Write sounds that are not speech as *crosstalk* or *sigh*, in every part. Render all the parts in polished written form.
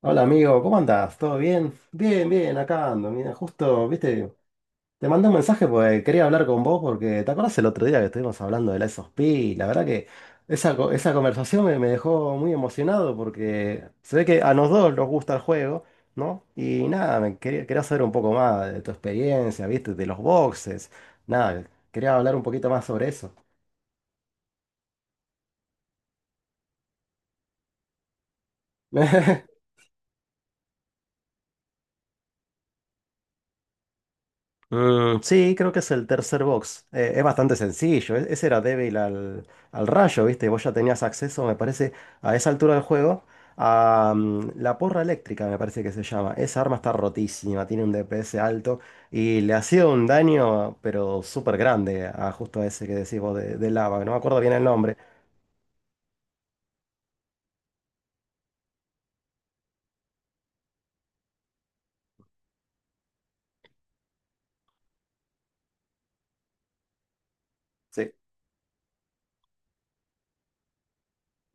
Hola amigo, ¿cómo andás? ¿Todo bien? Bien, acá ando. Mira, justo, viste, te mandé un mensaje porque quería hablar con vos porque te acordás el otro día que estuvimos hablando de la SOSP. La verdad que esa conversación me dejó muy emocionado porque se ve que a los dos nos gusta el juego, ¿no? Y nada, quería saber un poco más de tu experiencia, viste, de los boxes. Nada, quería hablar un poquito más sobre eso. *laughs* Sí, creo que es el tercer box. Es bastante sencillo. Ese era débil al rayo, ¿viste? Vos ya tenías acceso, me parece, a esa altura del juego, a la porra eléctrica, me parece que se llama. Esa arma está rotísima, tiene un DPS alto y le hacía un daño, pero súper grande, a justo ese que decís vos de lava. No me acuerdo bien el nombre. Sí.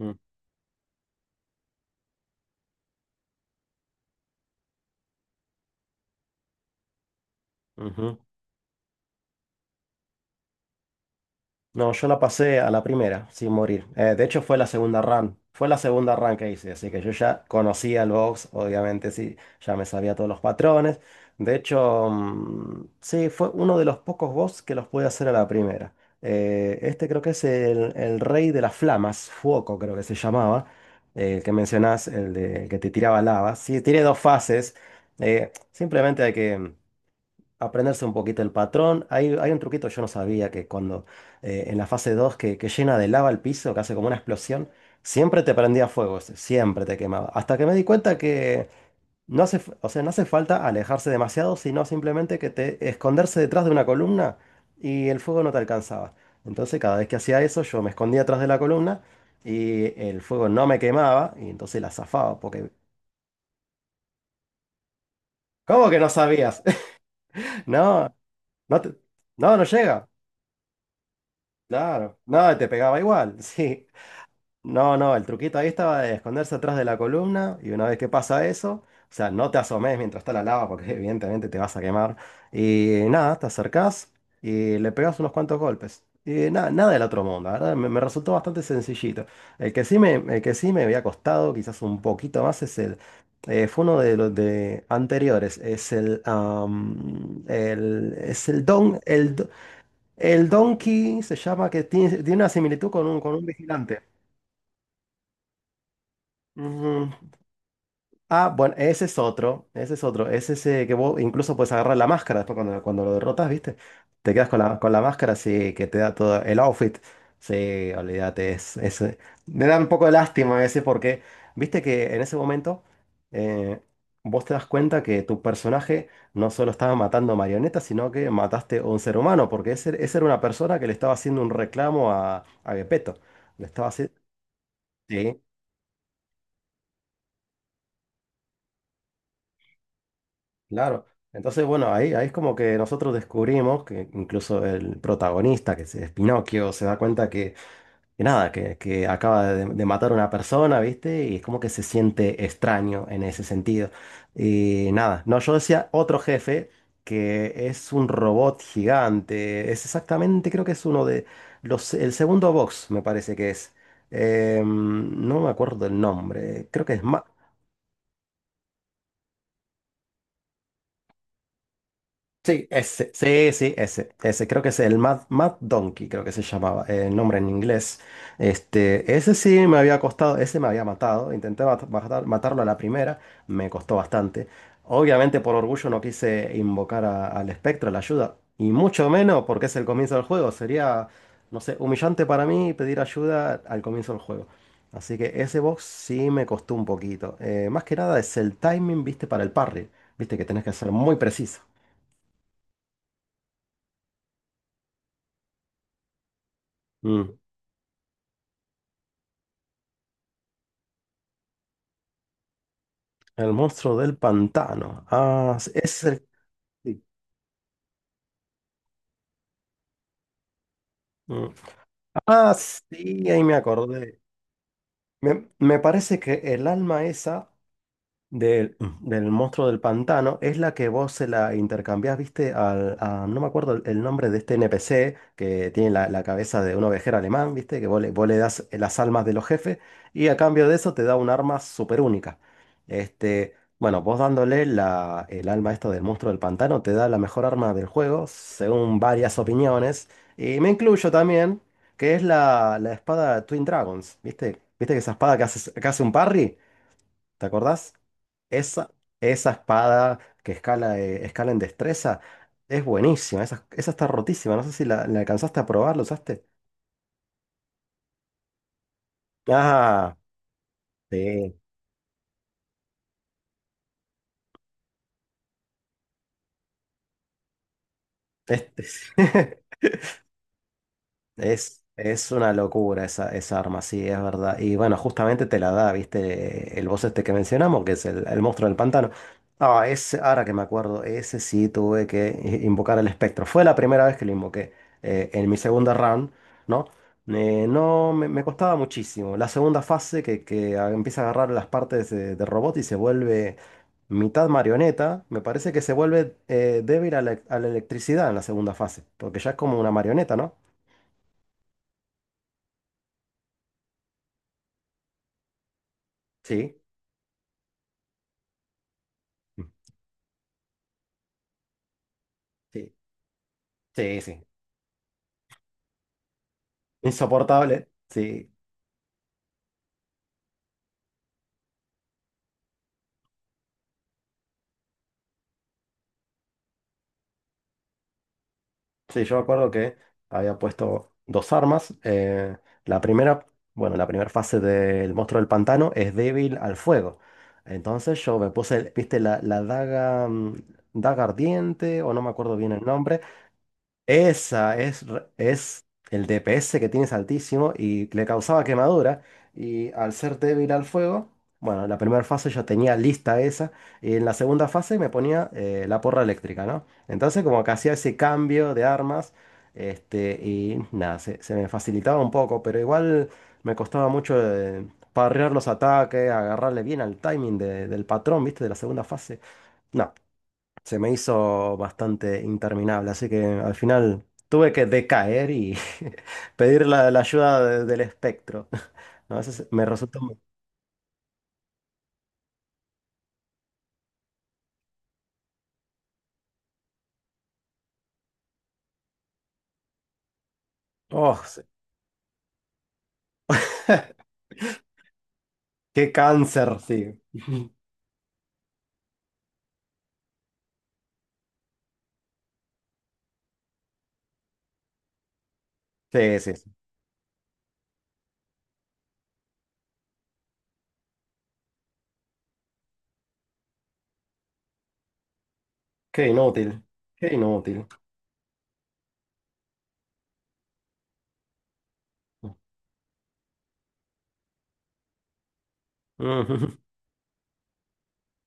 Mm, ujú. No, yo la pasé a la primera, sin morir. De hecho, fue la segunda run. Fue la segunda run que hice, así que yo ya conocía el box, obviamente sí, ya me sabía todos los patrones. De hecho, sí, fue uno de los pocos boss que los pude hacer a la primera. Este creo que es el rey de las flamas, Fuoco creo que se llamaba, el que mencionás, el que te tiraba lava. Sí, tiene dos fases. Simplemente hay que aprenderse un poquito el patrón. Hay un truquito, yo no sabía que cuando en la fase 2 que llena de lava el piso, que hace como una explosión, siempre te prendía fuego, ese, siempre te quemaba. Hasta que me di cuenta que no hace, f- o sea, no hace falta alejarse demasiado, sino simplemente que te esconderse detrás de una columna y el fuego no te alcanzaba. Entonces cada vez que hacía eso, yo me escondía atrás de la columna y el fuego no me quemaba y entonces la zafaba, porque... ¿Cómo que no sabías? *laughs* No, no te- no, no llega. Claro, no, y te pegaba igual, *laughs* sí. No, no, el truquito ahí estaba de esconderse atrás de la columna y una vez que pasa eso, o sea, no te asomes mientras está la lava porque *laughs* evidentemente te vas a quemar. Y nada, te acercás y le pegas unos cuantos golpes. Y nada, nada del otro mundo, la ¿verdad? Me resultó bastante sencillito. El que sí me había costado quizás un poquito más es el... Fue uno de los de anteriores, es es el don, el donkey se llama que tiene una similitud con con un vigilante. Ujú. Ah, bueno, ese es otro, ese es ese que vos incluso puedes agarrar la máscara después cuando lo derrotas, ¿viste? Te quedas con con la máscara, así que te da todo el outfit. Sí, olvídate, es. Me da un poco de lástima ese porque, viste que en ese momento eh, vos te das cuenta que tu personaje no solo estaba matando marionetas, sino que mataste a un ser humano, porque ese era una persona que le estaba haciendo un reclamo a Gepetto. Le estaba haciendo... Claro. Entonces, bueno, ahí es como que nosotros descubrimos que incluso el protagonista, que es Pinocchio, se da cuenta que nada, que acaba de matar a una persona, ¿viste? Y es como que se siente extraño en ese sentido. Y nada, no, yo decía otro jefe que es un robot gigante. Es exactamente, creo que es uno de el segundo box, me parece que es. Em, no me acuerdo el nombre. Creo que es más. Sí, ese, sí, sí, ese, creo que es el Mad Donkey, creo que se llamaba, el nombre en inglés. Este, ese sí me había costado, ese me había matado, intenté matarlo a la primera, me costó bastante. Obviamente por orgullo no quise invocar al espectro, la ayuda, y mucho menos porque es el comienzo del juego, sería, no sé, humillante para mí pedir ayuda al comienzo del juego. Así que ese box sí me costó un poquito. Más que nada es el timing, viste, para el parry, viste que tenés que ser muy preciso. Mm. El monstruo del pantano. Ah, sí, es el... sí. Mm. Ah, sí, ahí me acordé. Me parece que el alma esa del monstruo del pantano es la que vos se la intercambiás, viste, no me acuerdo el nombre de este NPC que tiene la cabeza de un ovejero alemán, viste, que vos le das las almas de los jefes y a cambio de eso te da un arma súper única. Este, bueno, vos dándole el alma esta del monstruo del pantano te da la mejor arma del juego, según varias opiniones, y me incluyo también, que es la espada Twin Dragons, viste, viste que esa espada que hace un parry. ¿Te acordás? Esa, esa espada que escala, escala en destreza es buenísima. Esa está rotísima. No sé si la alcanzaste a probar, ¿la usaste? Ah, sí. Este, *laughs* sí. Es una locura esa arma, sí, es verdad. Y bueno, justamente te la da, ¿viste? El boss este que mencionamos, que es el monstruo del pantano. Ah, ese, ahora que me acuerdo, ese sí tuve que invocar el espectro. Fue la primera vez que lo invoqué en mi segunda round, ¿no? Me costaba muchísimo. La segunda fase que empieza a agarrar las partes de robot y se vuelve mitad marioneta, me parece que se vuelve débil a a la electricidad en la segunda fase, porque ya es como una marioneta, ¿no? Sí. Sí, sí, sí. Insoportable. Sí, sí, yo me acuerdo que había puesto dos armas. La primera, bueno, la primera fase del monstruo del pantano es débil al fuego. Entonces yo me puse, viste, la daga ardiente, o no me acuerdo bien el nombre, Es el DPS que tienes altísimo y le causaba quemadura. Y al ser débil al fuego, bueno, en la primera fase yo tenía lista esa. Y en la segunda fase me ponía la porra eléctrica, ¿no? Entonces, como que hacía ese cambio de armas. Este, y nada, se me facilitaba un poco, pero igual me costaba mucho parrear los ataques, agarrarle bien al timing del patrón, ¿viste? De la segunda fase. No se me hizo bastante interminable, así que al final tuve que decaer y *laughs* pedir la ayuda del espectro. *laughs* A veces me resultó... muy- ¡Oh! sí. *laughs* ¡Qué cáncer! Sí. *laughs* Sí, sí, sí. Qué inútil. Qué inútil. Ujú.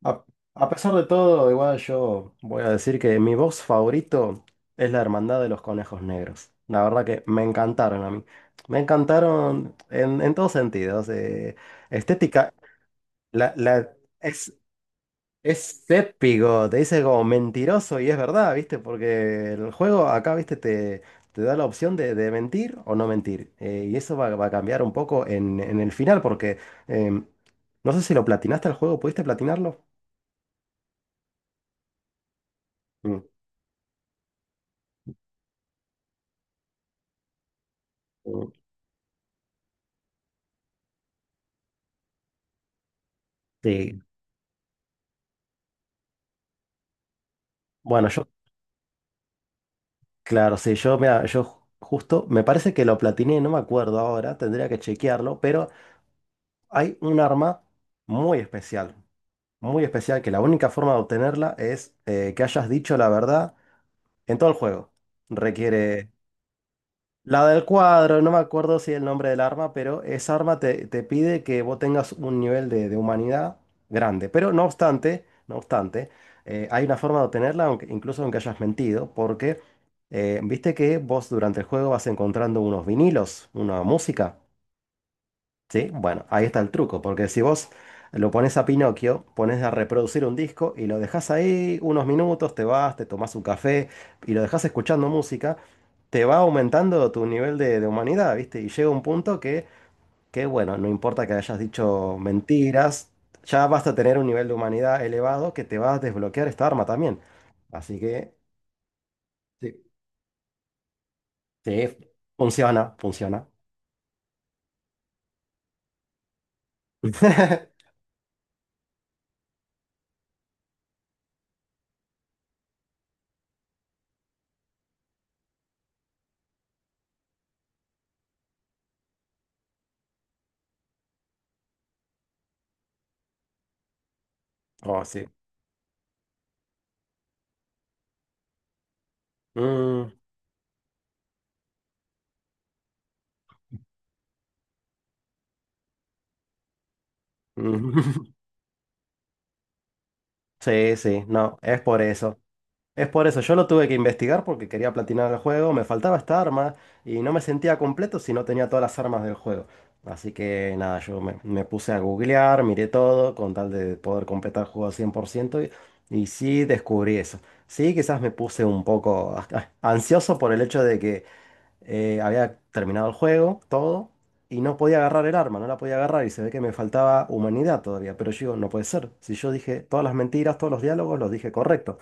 A, a pesar de todo, igual yo voy a decir que mi box favorito es la Hermandad de los Conejos Negros. La verdad que me encantaron a mí. Me encantaron en todos sentidos. Estética. La, la, es, es épico, te dice como mentiroso y es verdad, ¿viste? Porque el juego acá, ¿viste? Te da la opción de mentir o no mentir. Va a cambiar un poco en el final, porque em, no sé si lo platinaste el juego, ¿pudiste platinarlo? Mm, mm, Sí. Bueno, yo, claro, sí, yo, mira, justo, me parece que lo platiné, no me acuerdo ahora, tendría que chequearlo, pero hay un arma muy especial. Muy especial que la única forma de obtenerla es que hayas dicho la verdad en todo el juego. Requiere la del cuadro, no me acuerdo si el nombre del arma, pero te pide que vos tengas un nivel de humanidad grande. Pero no obstante, hay una forma de obtenerla, incluso aunque hayas mentido, porque viste que vos durante el juego vas encontrando unos vinilos, una música. ¿Sí? Bueno, ahí está el truco, porque si vos lo pones a Pinocchio, pones a reproducir un disco y lo dejas ahí unos minutos, te vas, te tomás un café y lo dejas escuchando música, te va aumentando tu nivel de humanidad, ¿viste? Y llega un punto que, bueno, no importa que hayas dicho mentiras, ya vas a tener un nivel de humanidad elevado que te va a desbloquear esta arma también. Así que, Sí. sí, funciona, funciona. *laughs* Oh, sí. Mm. mm. *laughs* Sí, sí, no, es por eso. Es por eso, yo lo tuve que investigar porque quería platinar el juego, me faltaba esta arma y no me sentía completo si no tenía todas las armas del juego. Así que nada, me puse a googlear, miré todo con tal de poder completar el juego al 100% y sí descubrí eso. Sí, quizás me puse un poco *laughs* ah, ansioso por el hecho de que había terminado el juego, todo, y no podía agarrar el arma, no la podía agarrar y se ve que me faltaba humanidad todavía. Pero yo digo, no puede ser. Si yo dije todas las mentiras, todos los diálogos, los dije correctos.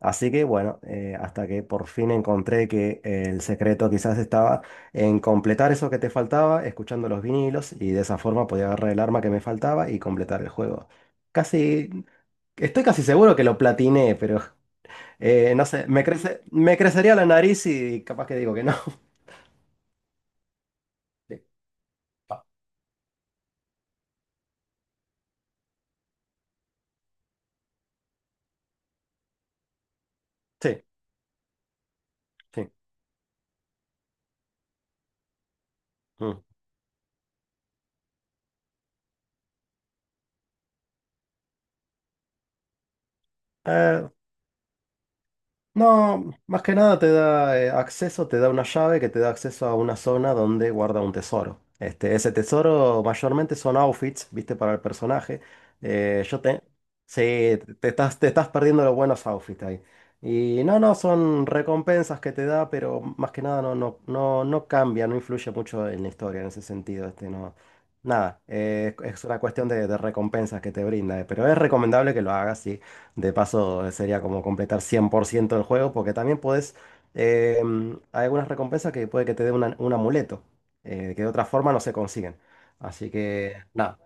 Así que bueno, hasta que por fin encontré que el secreto quizás estaba en completar eso que te faltaba, escuchando los vinilos, y de esa forma podía agarrar el arma que me faltaba y completar el juego. Casi, Estoy casi seguro que lo platiné, pero... no sé, me crecería la nariz y capaz que digo que no. *laughs* Sí. Sí. Mm. Eh, no, más que nada te da acceso, te da una llave que te da acceso a una zona donde guarda un tesoro. Este, ese tesoro mayormente son outfits, viste, para el personaje. Yo te... Sí, te estás perdiendo los buenos outfits ahí. Y no, no, son recompensas que te da, pero más que nada no cambia, no influye mucho en la historia en ese sentido. Este, no, nada, es una cuestión de recompensas que te brinda, pero es recomendable que lo hagas, sí. De paso, sería como completar 100% del juego, porque también puedes. eh, Hay algunas recompensas que puede que te dé un amuleto, que de otra forma no se consiguen. Así que, nada.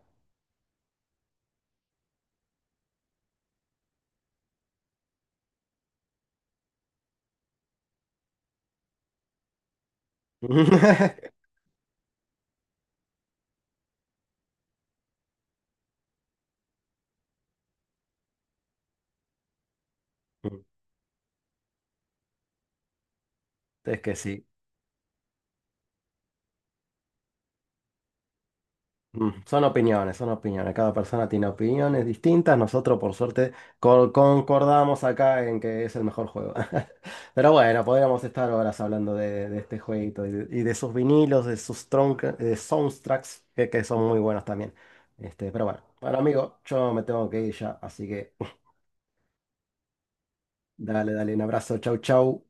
*laughs* Es que sí. Son opiniones, son opiniones. Cada persona tiene opiniones distintas. Nosotros, por suerte, concordamos acá en que es el mejor juego. *laughs* Pero bueno, podríamos estar horas hablando de este jueguito y de sus vinilos, de sus de soundtracks, que son muy buenos también. Este, bueno, amigo, yo me tengo que ir ya, así que *laughs* dale, dale, un abrazo, chau, chau.